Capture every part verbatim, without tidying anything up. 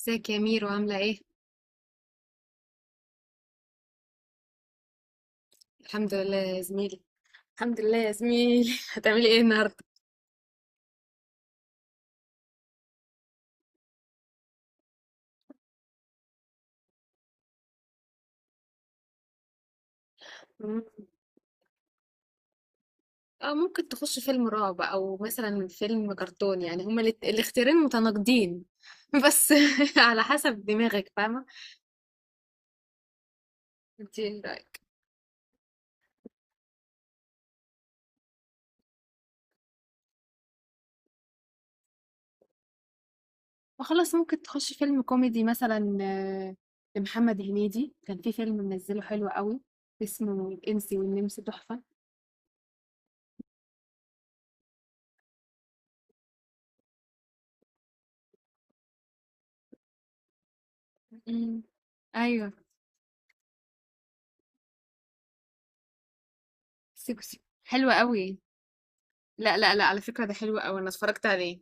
ازيك يا ميرو عاملة ايه؟ الحمد لله يا زميلي. الحمد لله يا زميلي هتعملي ايه النهاردة؟ مم. اه، ممكن تخش فيلم رعب او مثلا فيلم كرتون، يعني هما الات- الاختيارين متناقضين بس على حسب دماغك، فاهمة؟ انت ايه رأيك؟ وخلاص ممكن تخش فيلم كوميدي مثلا، آه، لمحمد هنيدي كان في فيلم منزله حلو قوي، اسمه الإنسي والنمس، تحفة. مم. ايوه، سيكو سيكو حلو قوي. لا لا لا، على فكرة ده حلو قوي، انا اتفرجت عليه.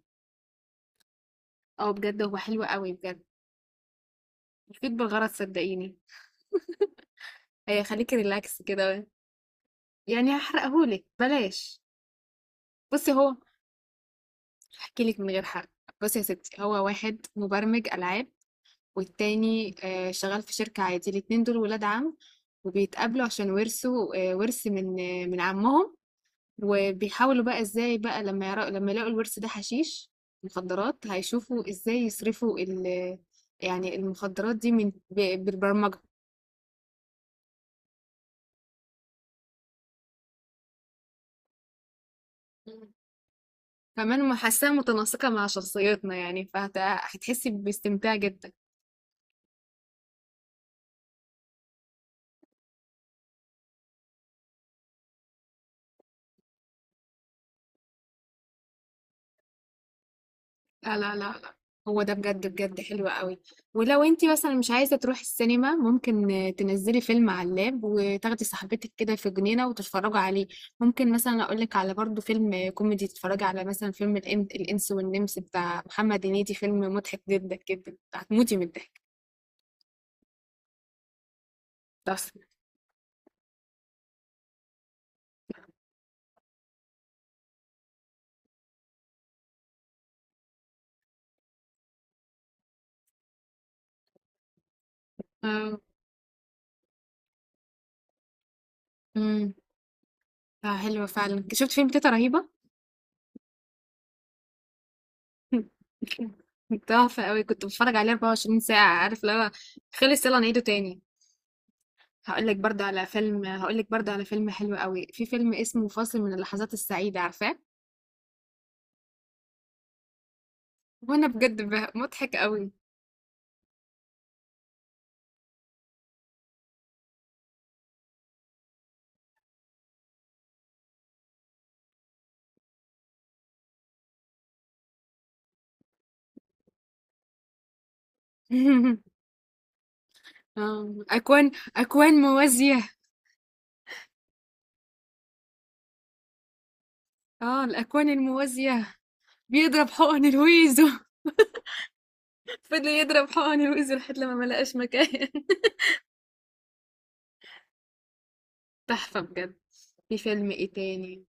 اه بجد هو حلو قوي بجد. مفيد بالغرض صدقيني، هيخليكي ريلاكس كده. يعني هحرقهولك، بلاش. بصي هو، هحكي لك من غير حرق. بصي يا ستي، هو واحد مبرمج العاب، والتاني آه، شغال في شركة عادي، الاتنين دول ولاد عم، وبيتقابلوا عشان ورثوا آه، ورث من آه، من عمهم، وبيحاولوا بقى ازاي بقى لما يرا... لما يلاقوا الورث ده حشيش، مخدرات، هيشوفوا ازاي يصرفوا ال... يعني المخدرات دي من ب- بالبرمجة. كمان محسها متناسقة مع شخصيتنا يعني، فهتحسي باستمتاع جدا. لا لا لا لا، هو ده بجد بجد حلو قوي. ولو انتي مثلا مش عايزة تروحي السينما، ممكن تنزلي فيلم على اللاب وتاخدي صاحبتك كده في جنينة وتتفرجوا عليه. ممكن مثلا اقولك على برضو فيلم كوميدي، تتفرجي على مثلا فيلم الإن- الإنس والنمس بتاع محمد هنيدي، فيلم مضحك جدا جدا، هتموتي من الضحك. بس آه، امم آه، حلوة فعلا. شفت فيلم تيتا رهيبة، تحفة قوي، كنت بتفرج عليه اربع وعشرين ساعة، عارف اللي هو خلص يلا نعيده تاني. هقول لك برضه على فيلم هقول لك برضه على فيلم حلو قوي. في فيلم اسمه فاصل من اللحظات السعيدة، عارفاه؟ وانا بجد به- مضحك قوي. آه، اكوان اكوان موازية. اه، الاكوان الموازية، بيضرب حقن الويزو. فضل يضرب حقن الويزو لحد لما ما لقاش مكان. تحفة بجد. في فيلم ايه تاني؟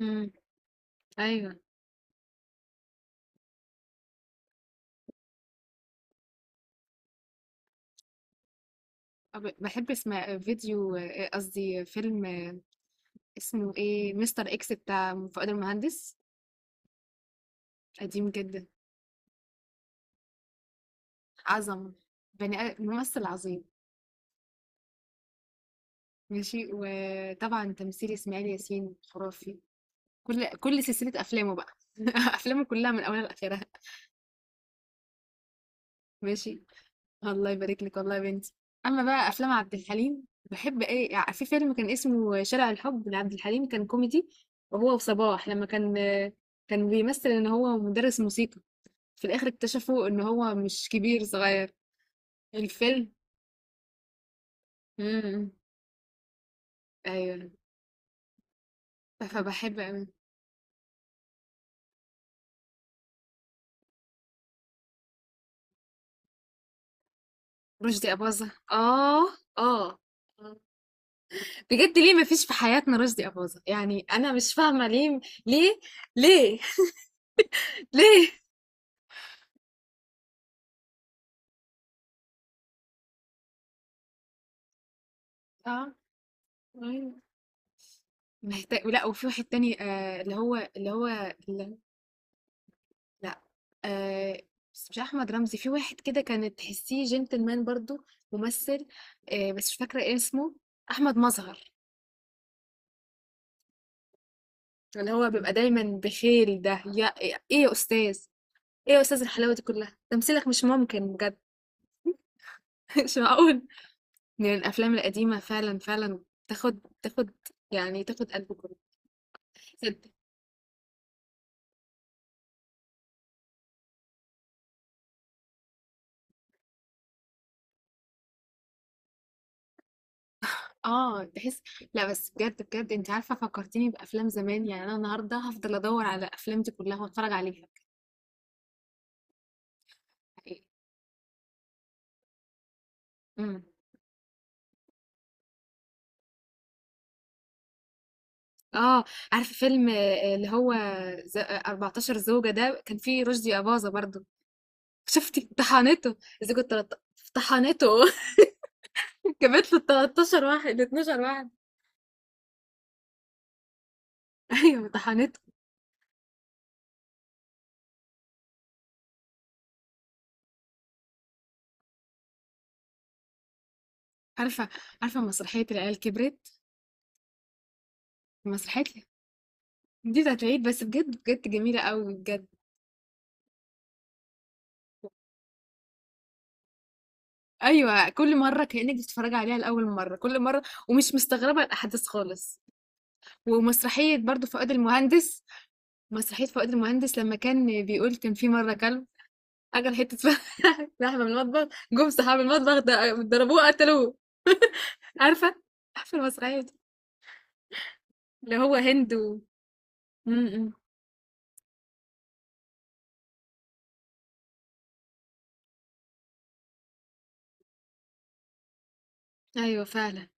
مم. ايوه. ب- بحب اسمع فيديو، آه، قصدي فيلم، آه، اسمه ايه؟ مستر اكس بتاع فؤاد المهندس، قديم جدا، عظمة. بني آد- ممثل عظيم. ماشي، وطبعا تمثيل اسماعيل ياسين خرافي. كل كل سلسلة أفلامه بقى، أفلامه كلها من أولها لآخرها. ماشي، الله يبارك لك والله يا بنتي. أما بقى أفلام عبد الحليم، بحب إيه يعني، في فيلم كان اسمه شارع الحب لعبد الحليم، كان كوميدي، وهو وصباح، لما كان آه، كان بيمثل إن هو مدرس موسيقى، في الاخر اكتشفوا ان هو مش كبير، صغير. الفيلم. امم ايوه، فبحب قوي. رشدي اباظة، اه. اه بجد، ليه ما فيش في حياتنا رشدي اباظة؟ يعني انا مش فاهمه ليه، ليه، ليه، ليه. اه، أيوة. محتاج. لا، وفي واحد تاني، آه اللي هو اللي هو اللي... لا. آه بس مش احمد رمزي، في واحد كده كانت تحسيه جنتلمان برضو، ممثل. آه بس مش فاكره ايه اسمه. احمد مظهر، اللي هو بيبقى دايما بخيل، ده يا ايه يا استاذ؟ ايه يا استاذ الحلاوه دي كلها، تمثيلك مش ممكن بجد. مش معقول. من الافلام القديمه فعلا فعلا. تاخد تاخد، يعني تاخد قلب كله. صدق. اه، تحس. لا بس بجد بجد، انت عارفه فكرتيني بافلام زمان، يعني انا النهارده هفضل ادور على الافلام دي كلها واتفرج عليها. حقيقي. امم اه، عارفه فيلم آه، اللي هو ز- آه، أربعتاشر زوجة؟ ده كان فيه رشدي أباظة برضو. شفتي طحنته؟ زوجة طلعت- طحنته جابت له تلتاشر واحد، اتناشر واحد. ايوه طحنته. عارفه، عارفه مسرحيه العيال كبرت؟ مسرحيتها دي هتعيد، بس بجد بجد جميله قوي بجد. ايوه، كل مره كانك بتتفرجي عليها لاول مره، كل مره، ومش مستغربه الاحداث خالص. ومسرحيه برضو فؤاد المهندس، مسرحيه فؤاد المهندس لما كان بيقول، كان في مره كلب اكل حته ف- لحمه من المطبخ، جم صحاب المطبخ ض- ضربوه قتلوه. عارفه، عارفه المسرحيه دي؟ اللي هو هند و... م- م. ايوه، فعلا.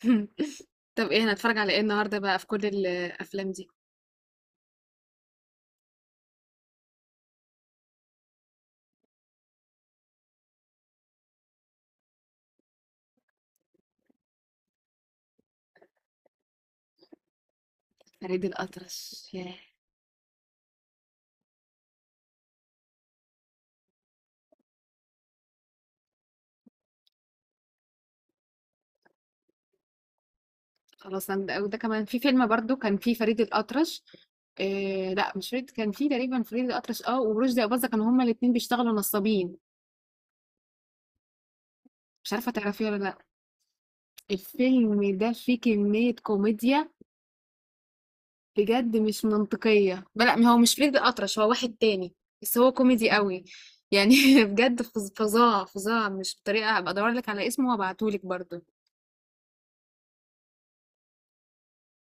طب ايه، هنتفرج على ايه النهارده بقى في كل الافلام دي؟ فريد الأطرش، ياه. خلاص. انا وده كمان، في فيلم برضو كان فيه فريد الأطرش، إيه، لا مش فريد، كان فيه تقريبا فريد الأطرش، اه، ورشدي أباظة، كانوا هما الاتنين بيشتغلوا نصابين. مش عارفة تعرفيه ولا لا؟ الفيلم ده فيه كمية كوميديا بجد مش منطقية. لا ما هو مش فريد الأطرش، هو واحد تاني، بس هو كوميدي قوي يعني. بجد فظ- فظاع فظاع، مش بطريقة. هبقى ادور لك على اسمه وابعتهولك برضو.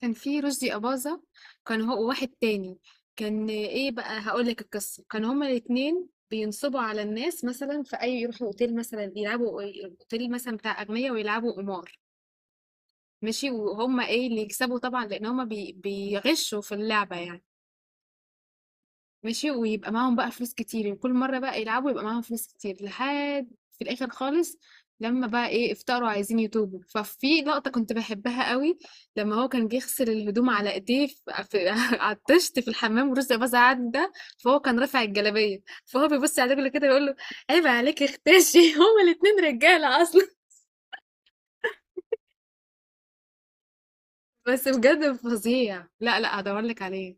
كان في رشدي أباظة، كان هو واحد تاني. كان ايه بقى، هقولك القصة، كان هما الاتنين بينصبوا على الناس، مثلا في أي يروحوا أوتيل مثلا يلعبوا، أوتيل مثلا بتاع أغنياء، ويلعبوا قمار. ماشي، وهما ايه اللي يكسبوا طبعا، لأن هما بي... بيغشوا في اللعبة يعني. ماشي، ويبقى معاهم بقى فلوس كتير، وكل مرة بقى يلعبوا يبقى معاهم فلوس كتير، لحد في الآخر خالص لما بقى ايه، افتقروا، عايزين يتوبوا. ففي لقطة كنت بحبها قوي، لما هو كان بيغسل الهدوم على ايديه في... في... على الطشت في الحمام، ورزق باظ عدى، فهو كان رافع الجلابية، فهو بيبص على رجله كده بيقول له عيب عليك، اختشي. هما الاتنين رجالة اصلا. بس بجد فظيع، لا لا، هدور لك عليه.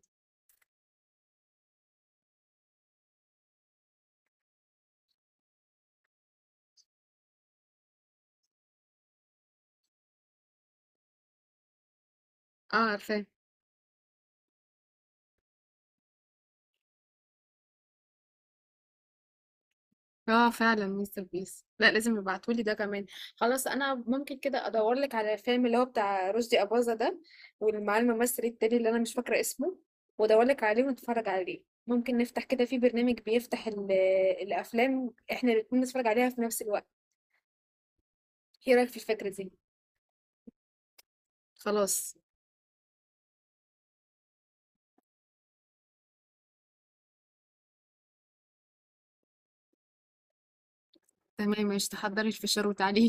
اه، عارفاه. اه فعلا، مستر بيس. لا لازم يبعتولي ده كمان. خلاص، انا ممكن كده ادور لك على الفيلم اللي هو بتاع رشدي اباظة ده، والمع الممثل التاني اللي انا مش فاكره اسمه، وادور لك عليه ونتفرج عليه، ممكن نفتح كده في برنامج بيفتح ال- الافلام، احنا الاتنين نتفرج عليها في نفس الوقت. ايه رايك في الفكره دي؟ خلاص. تمام، مش تحضري الفشار وتعالي